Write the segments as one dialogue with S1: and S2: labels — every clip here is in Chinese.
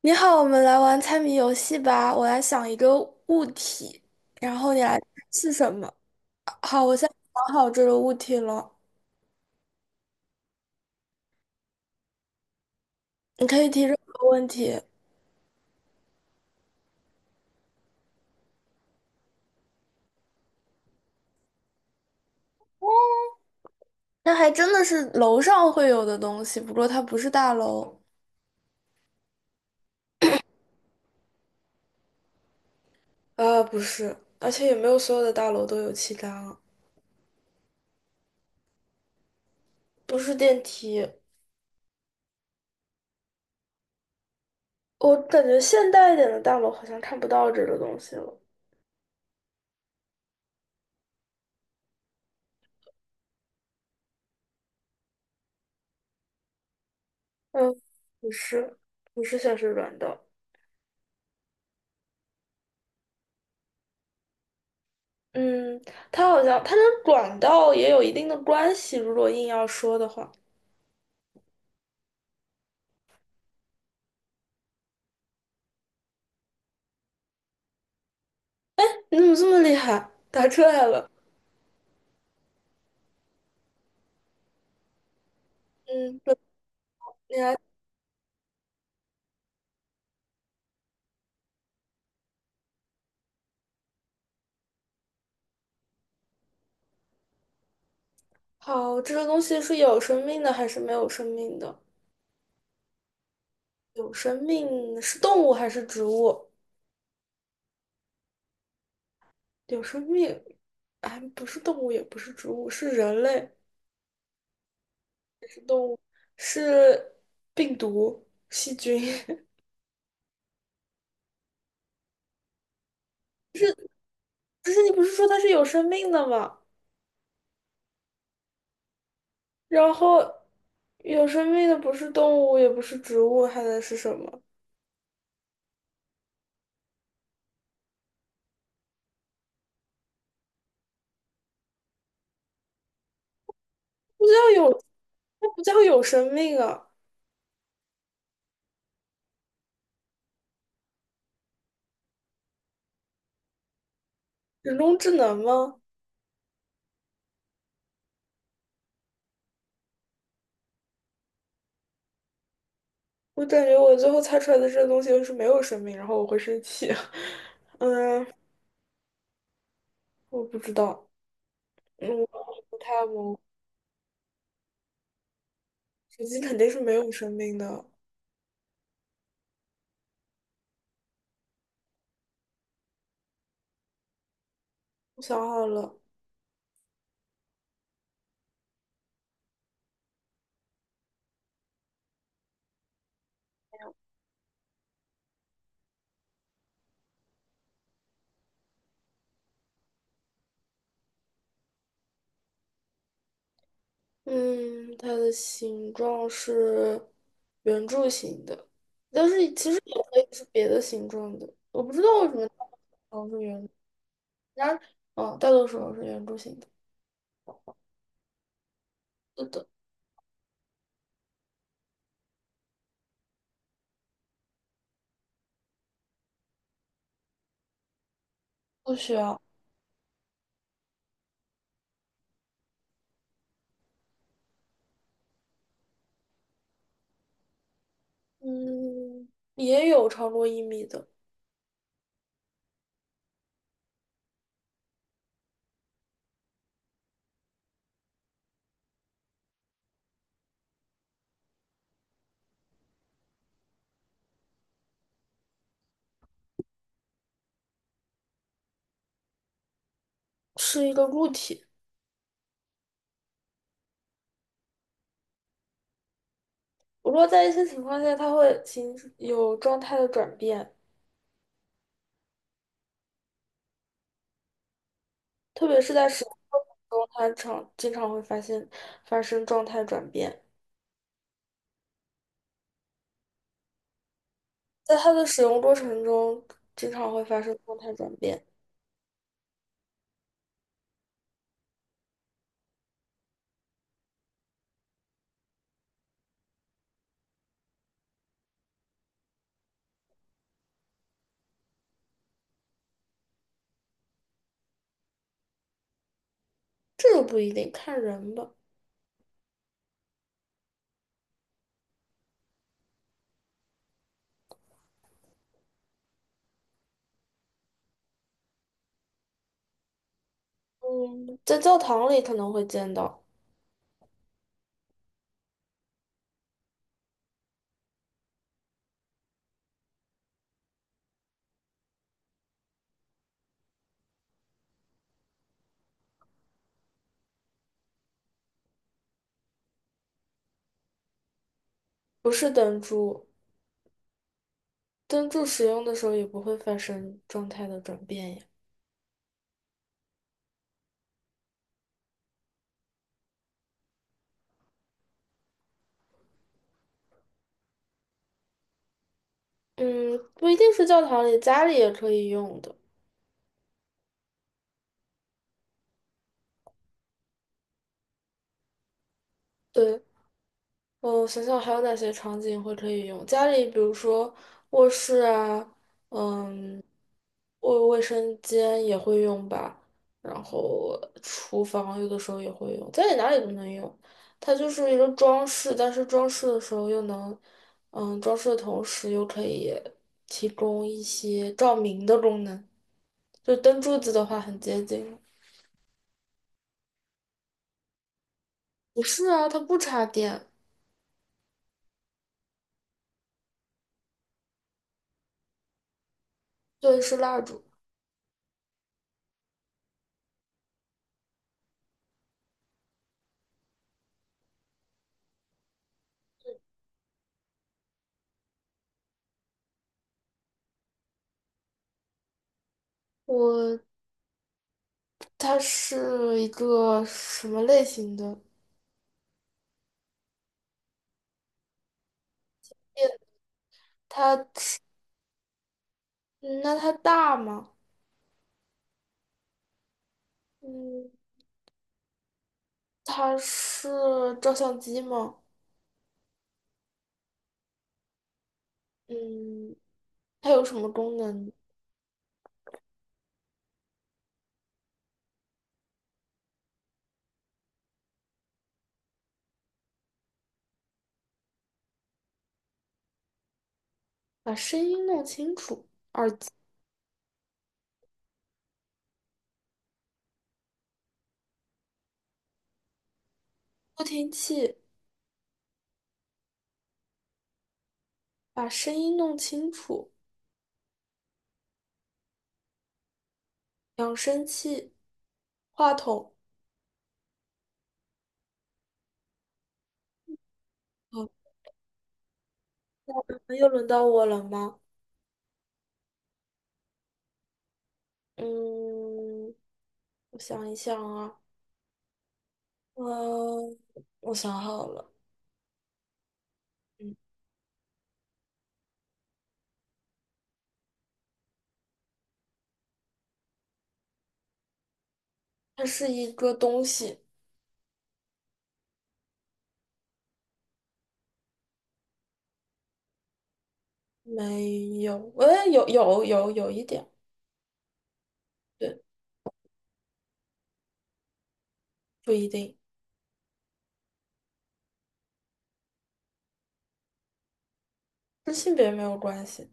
S1: 你好，我们来玩猜谜游戏吧。我来想一个物体，然后你来猜是什么。好，我现在想好这个物体了，你可以提任何问题。那还真的是楼上会有的东西，不过它不是大楼。啊，不是，而且也没有所有的大楼都有气缸啊不是电梯。我感觉现代一点的大楼好像看不到这个东西了。嗯，不是，不是显示软的。嗯，它好像跟管道也有一定的关系，如果硬要说的话，你怎么这么厉害？答出来了。嗯，对你还好，这个东西是有生命的还是没有生命的？有生命是动物还是植物？有生命，哎，不是动物，也不是植物，是人类，是病毒、细菌。不是你不是说它是有生命的吗？然后有生命的不是动物，也不是植物，还能是什么？不知道有，那不叫有生命啊，人工智能吗？我感觉我最后猜出来的这个东西就是没有生命，然后我会生气。嗯，我不知道，嗯，我太模糊手机肯定是没有生命的。我想好了，嗯，它的形状是圆柱形的，但是其实也可以是别的形状的。我不知道为什么大多数是圆，然而，大多数是圆柱形的。不的，不需要。嗯，也有超过一米的，是一个固体。不过在一些情况下，它会形有状态的转变，特别是在使用过程中，它常经常会发现发生状态转变。在它的使用过程中，经常会发生状态转变，这个不一定，看人吧。嗯，在教堂里可能会见到，不是灯柱，灯柱使用的时候也不会发生状态的转变呀。嗯，不一定是教堂里，家里也可以用的。对，嗯我想想还有哪些场景会可以用？家里，比如说卧室啊，嗯，卫卫生间也会用吧，然后厨房有的时候也会用，家里哪里都能用。它就是一个装饰，但是装饰的时候又能，装饰的同时又可以提供一些照明的功能，就灯柱子的话很接近。不是啊，它不插电，对，是蜡烛。我它是一个什么类型的店？它，嗯那它大吗？嗯，它是照相机吗？嗯，它有什么功能？把声音弄清楚，助听器，把声音弄清楚，扬声器，话筒。好，那又轮到我了吗？嗯，我想一想啊，嗯，我想好了，嗯，它是一个东西。没有，有一点，对，不一定，跟性别没有关系。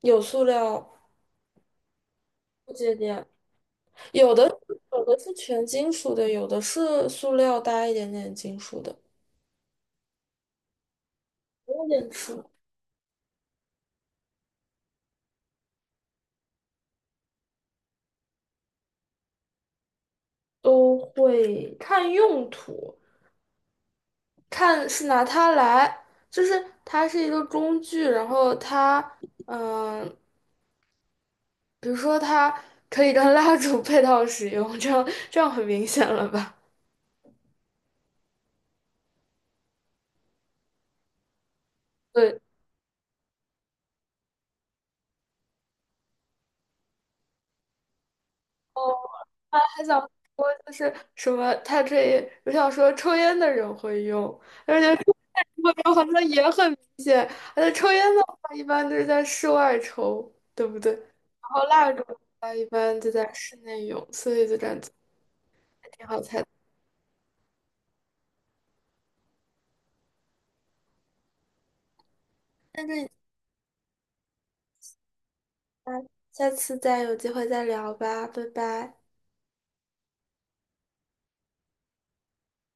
S1: 有塑料不接电，有的有的是全金属的，有的是塑料搭一点点金属的，有点吃都会看用途，看是拿它来，就是它是一个工具，然后它，嗯、比如说它可以跟蜡烛 配套使用，这样很明显了吧？对。还想说就是什么，他这我想说抽烟的人会用，而且抽烟的人好像也很明显，而且抽烟的话一般都是在室外抽，对不对？然后蜡烛的话一般就在室内用，所以就感觉还挺好猜的。那这你下下次再有机会再聊吧，拜拜。